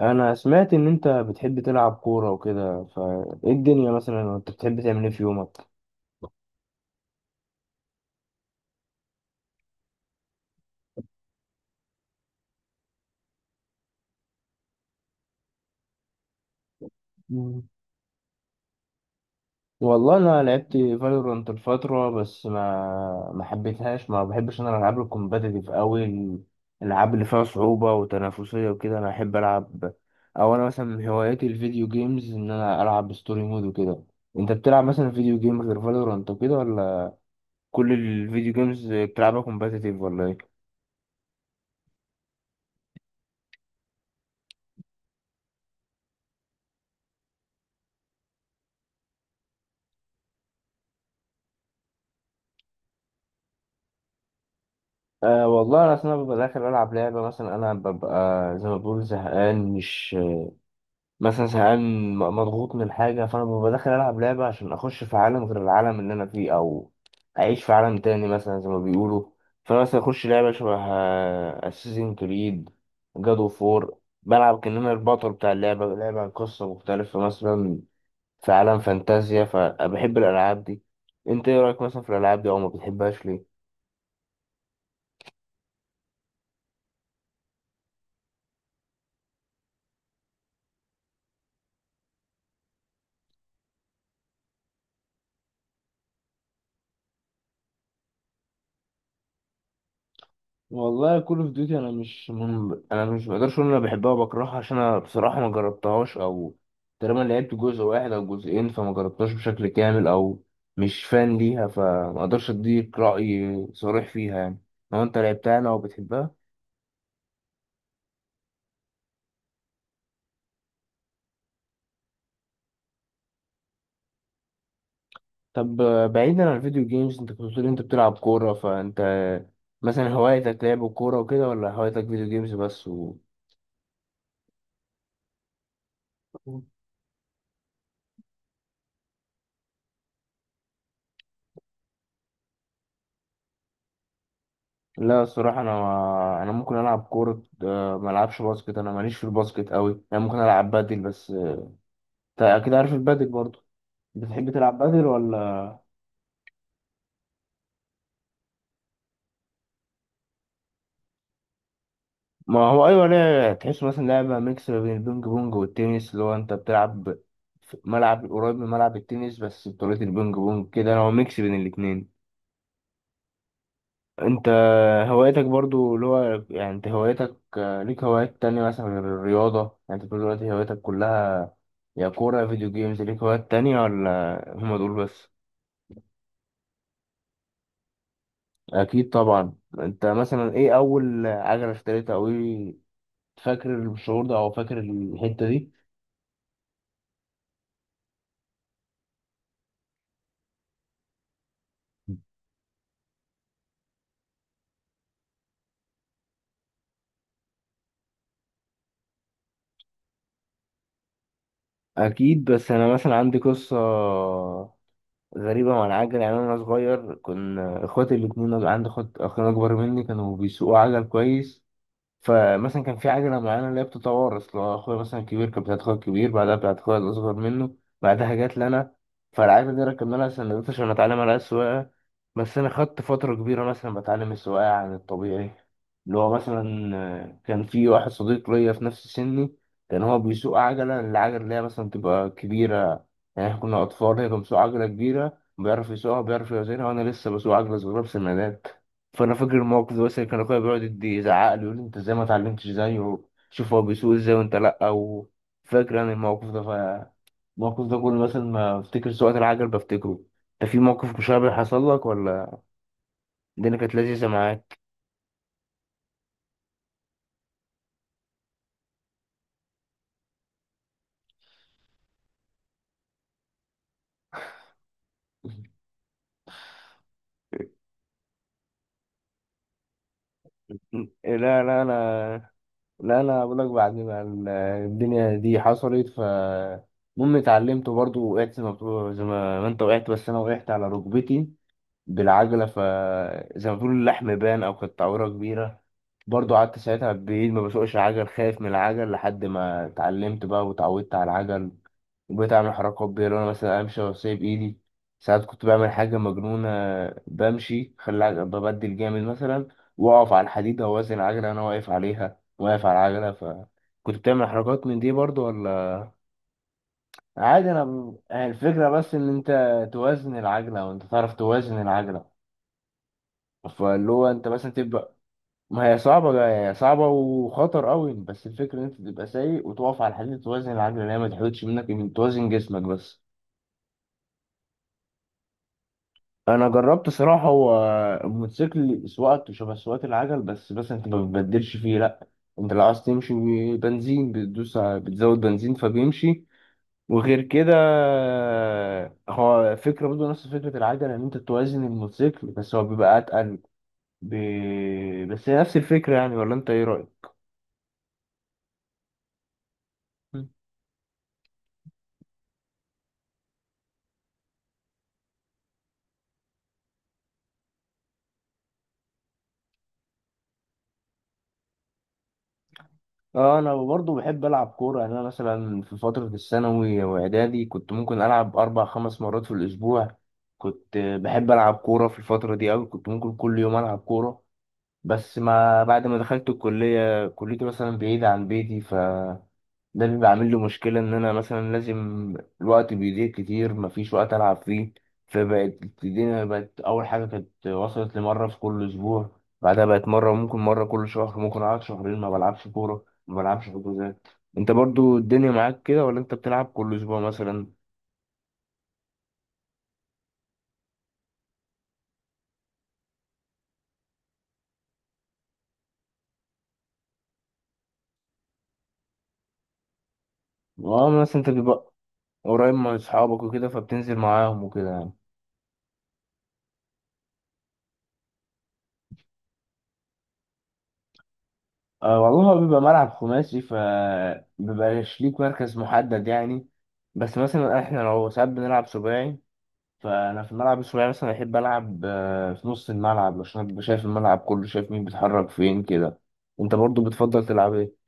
انا سمعت ان انت بتحب تلعب كورة وكده، فايه الدنيا؟ مثلا انت بتحب تعمل ايه في يومك؟ مم. والله انا لعبت فالورانت الفترة، بس ما حبيتهاش. ما بحبش انا الالعاب الكومباتيتيف قوي. الالعاب اللي فيها صعوبة وتنافسية وكده انا احب العب. او انا مثلا من هواياتي الفيديو جيمز، ان انا العب ستوري مود وكده. انت بتلعب مثلا فيديو جيم غير فالورانت وكده ولا؟ كل الفيديو جيمز بتلعبها كومباتيتيف ولا ايه؟ أه، والله أنا أصلا ببقى داخل ألعب لعبة. مثلا أنا ببقى زي ما بقول زهقان، مش مثلا زهقان، مضغوط من حاجة، فأنا ببقى داخل ألعب لعبة عشان أخش في عالم غير العالم اللي أنا فيه، أو أعيش في عالم تاني مثلا زي ما بيقولوا. فأنا مثلا أخش لعبة شبه أساسين كريد، جاد أوف وور. بلعب كأن أنا البطل بتاع اللعبة، لعبة عن قصة مختلفة مثلا، في عالم فانتازيا، فبحب الألعاب دي. أنت إيه رأيك مثلا في الألعاب دي؟ أو ما بتحبهاش ليه؟ والله كول اوف ديوتي، انا مش بقدرش اقول إن انا بحبها وبكرهها، عشان انا بصراحه ما جربتهاش، او تقريبا لعبت جزء واحد او جزئين، فما جربتهاش بشكل كامل، او مش فان ليها، فما اقدرش اديك راي صريح فيها يعني. لو انت لعبتها انا وبتحبها. طب بعيدا عن الفيديو جيمز، انت كنت بتقول انت بتلعب كوره، فانت مثلا هوايتك لعب الكوره وكده ولا هوايتك فيديو جيمز بس و... لا، الصراحة أنا ممكن ألعب كورة، ما ألعبش باسكت. أنا ماليش في الباسكت أوي يعني، ممكن ألعب بادل بس. أنت أكيد عارف البادل برضه. بتحب تلعب بادل ولا؟ ما هو أيوة. لا، تحس مثلا لعبة ميكس ما بين البينج بونج والتنس، اللي هو أنت بتلعب في ملعب قريب من ملعب التنس بس بطريقة البينج بونج كده، هو ميكس بين الاتنين. انت هوايتك برضو اللي هو، يعني انت هوايتك ليك هوايات تانية مثلا غير الرياضة؟ يعني انت بتقول دلوقتي هوايتك كلها يا كورة يا فيديو جيمز، ليك هوايات تانية ولا هما دول بس؟ اكيد طبعا. انت مثلا ايه اول عجلة اشتريتها، او ايه فاكر الشعور ده، او فاكر الحتة دي؟ اكيد، بس انا مثلا عندي قصة غريبة مع العجل. يعني انا صغير كنا اخواتي الاتنين، عندي اخوات اخين اكبر مني كانوا بيسوقوا عجل كويس. فمثلا كان في عجلة معينة اللي هي بتتوارث، لو أخويا مثلا كبير كانت بتاعت أخويا الكبير، بعدها بتاعت أخويا الأصغر منه، بعدها جات لنا. فالعجلة دي ركبنا لها سندوتش عشان أتعلم عليها السواقة. بس أنا خدت فترة كبيرة مثلا بتعلم السواقة عن الطبيعي، اللي هو مثلا كان في واحد صديق ليا في نفس سني. كان هو بيسوق عجلة، العجلة اللي هي مثلا تبقى كبيرة. يعني إحنا كنا أطفال، هي كان بيسوق عجلة كبيرة بيعرف يسوقها، بيعرف يوزنها، وأنا لسه بسوق عجلة صغيرة بسندات. فانا فاكر الموقف ده، بس كان اخويا بيقعد يزعق لي يقول لي انت ازاي ما اتعلمتش زيه؟ شوف هو بيسوق ازاي وانت لا، او فاكر انا الموقف ده. فالموقف ده كل مثلا ما افتكر سواقة العجل بفتكره. انت في موقف مشابه حصل لك ولا؟ الدنيا كانت لذيذة معاك؟ إيه، لا لا، انا لا انا بقول لك بعد ما الدنيا دي حصلت، ف... المهم اتعلمت برضه، وقعت زي ما انت وقعت، بس انا وقعت على ركبتي بالعجلة، فزي ما بيقولوا اللحم بان، أو كانت تعويرة كبيرة. برضو قعدت ساعتها بعيد ما بسوقش عجل، خايف من العجل، لحد ما اتعلمت بقى وتعودت على العجل. وبقيت أعمل حركات بيه، لو أنا مثلا أمشي وأسيب إيدي، ساعات كنت بعمل حاجة مجنونة. بمشي ببدل جامد مثلا، وأقف على الحديدة وأوازن العجلة أنا واقف عليها، واقف على العجلة. فكنت بتعمل حركات من دي برضو ولا؟ عادي، أنا يعني الفكرة بس إن أنت توازن العجلة، وأنت تعرف توازن العجلة، فاللي هو انت مثلا تبقى... ما هي صعبة، هي صعبة وخطر قوي، بس الفكرة ان انت تبقى سايق وتقف على الحديد، توازن العجلة اللي هي ما تحودش منك، من توازن جسمك بس. انا جربت صراحة، هو الموتوسيكل سواقته شبه سواقة العجل، بس انت ما بتبدلش فيه لا، انت لو عايز تمشي بنزين بتدوس بتزود بنزين فبيمشي. وغير كده، هو فكرة برضه نفس فكرة العجلة، ان انت توازن الموتوسيكل، بس هو بيبقى اتقل ب... بس هي نفس الفكرة يعني، ولا انت ايه رأيك؟ اه، انا برضو بحب العب كوره. يعني انا مثلا في فتره الثانوي واعدادي كنت ممكن العب اربع خمس مرات في الاسبوع، كنت بحب العب كوره في الفتره دي قوي، كنت ممكن كل يوم العب كوره. بس ما بعد ما دخلت الكليه، كليتي مثلا بعيده عن بيتي، ف ده بيبقى عامل لي مشكلة، إن أنا مثلا لازم الوقت بيضيع كتير، مفيش وقت ألعب فيه. فبقت الدنيا، بقت أول حاجة كانت وصلت لمرة في كل أسبوع، بعدها بقت مرة، ممكن مرة كل شهر، ممكن أقعد شهرين ما بلعبش كورة، ما بلعبش حجوزات. أنت برضو الدنيا معاك كده ولا أنت بتلعب كل أسبوع مثلا؟ أه، مثلا أنت بيبقى قريب من أصحابك وكده فبتنزل معاهم وكده يعني. أه والله، هو بيبقى ملعب خماسي فبيبقاش ليك مركز محدد يعني. بس مثلا احنا لو ساعات بنلعب سباعي، فانا في الملعب الصغير مثلا احب العب في نص الملعب، عشان ابقى شايف الملعب كله، شايف مين بيتحرك فين كده. انت برضو بتفضل تلعب ايه؟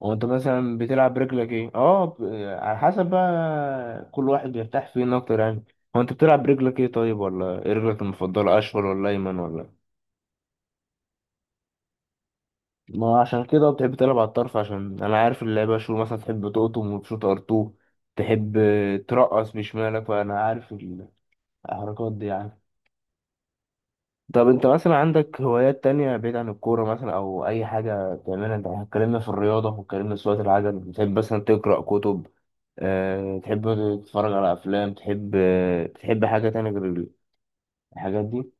وانت مثلا بتلعب رجلك ايه؟ على حسب بقى، كل واحد بيرتاح فين اكتر يعني. هو انت بتلعب رجلك ايه طيب، ولا ايه رجلك المفضله، اشول ولا ايمن ولا؟ ما عشان كده بتحب تلعب على الطرف، عشان انا عارف اللعيبه اشول مثلا تحب تقطم وتشوط ار2، تحب ترقص بشمالك، فانا عارف الحركات دي يعني. طب انت مثلا عندك هوايات تانية بعيد عن الكورة، مثلا او اي حاجة بتعملها؟ انت اتكلمنا في الرياضة، واتكلمنا في سواقة العجل. بتحب مثلا تقرأ كتب، أه تحب تتفرج على افلام، تحب تحب حاجة تانية غير الحاجات دي؟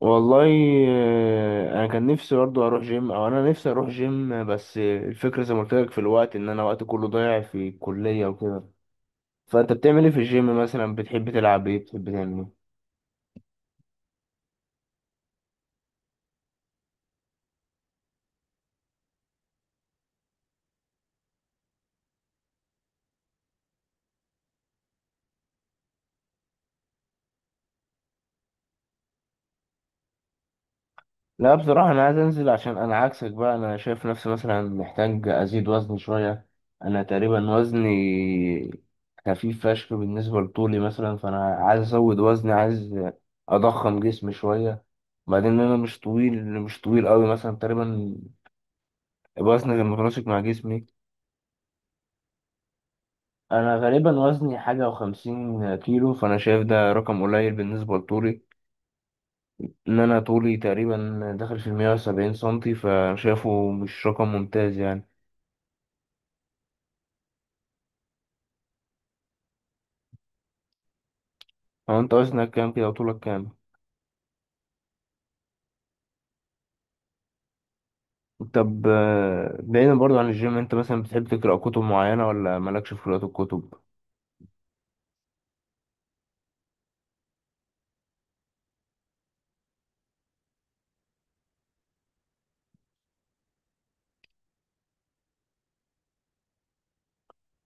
والله انا كان نفسي برضه اروح جيم، او انا نفسي اروح جيم، بس الفكرة زي ما قلت لك في الوقت، ان انا وقتي كله ضايع في الكلية وكده. فانت بتعمل ايه في الجيم مثلا؟ بتحب تلعب ايه، بتحب تعمل ايه؟ لا بصراحة أنا عايز أنزل، عشان أنا عكسك بقى، أنا شايف نفسي مثلا محتاج أزيد وزن شوية. أنا تقريبا وزني خفيف فشخ بالنسبة لطولي مثلا، فأنا عايز أزود وزني، عايز أضخم جسمي شوية. بعدين أنا مش طويل، مش طويل أوي مثلا تقريبا، وزني متناسق مع جسمي. أنا غالبا وزني حاجة وخمسين كيلو، فأنا شايف ده رقم قليل بالنسبة لطولي، إن أنا طولي تقريبا داخل في 170 سنتي، فشايفه مش رقم ممتاز يعني. هو انت وزنك كام كده وطولك كام؟ طب، بعيدا برضو عن الجيم، انت مثلا بتحب تقرأ كتب معينة ولا مالكش في قراءة الكتب؟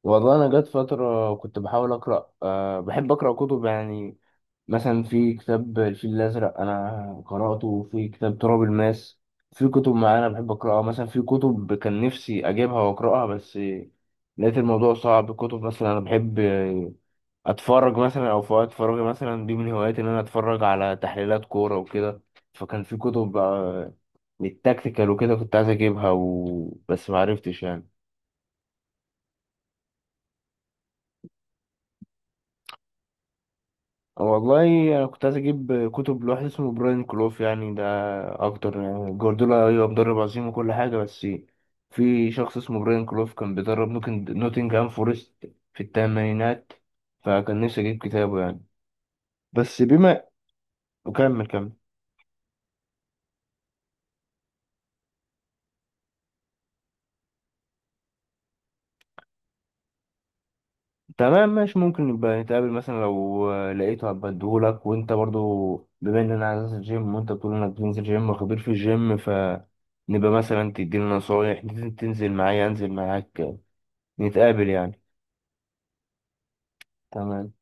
والله انا جت فترة كنت بحاول أقرأ، بحب أقرأ كتب يعني. مثلا في كتاب الفيل الأزرق انا قرأته، في كتاب تراب الماس. في كتب معينة بحب أقرأها، مثلا في كتب كان نفسي اجيبها وأقرأها، بس لقيت الموضوع صعب. كتب مثلا انا بحب اتفرج مثلا، او في وقت فراغي مثلا دي من هواياتي ان انا اتفرج على تحليلات كوره وكده. فكان في كتب للتكتيكال وكده كنت عايز اجيبها و... بس ما عرفتش يعني. والله انا كنت عايز اجيب كتب لواحد اسمه براين كلوف، يعني ده اكتر، يعني جوارديولا ايوه مدرب عظيم وكل حاجه، بس في شخص اسمه براين كلوف كان بيدرب نوتنجهام فورست في الثمانينات، فكان نفسي اجيب كتابه يعني، بس بما... وكمل كمل. تمام ماشي، ممكن نبقى نتقابل مثلا لو لقيته هبقى اديهولك. وانت برضو بما ان انا عايز انزل جيم وانت بتقول انك بتنزل جيم وخبير في الجيم، فنبقى مثلا تديني نصايح، تنزل معايا، انزل معاك، نتقابل يعني. تمام.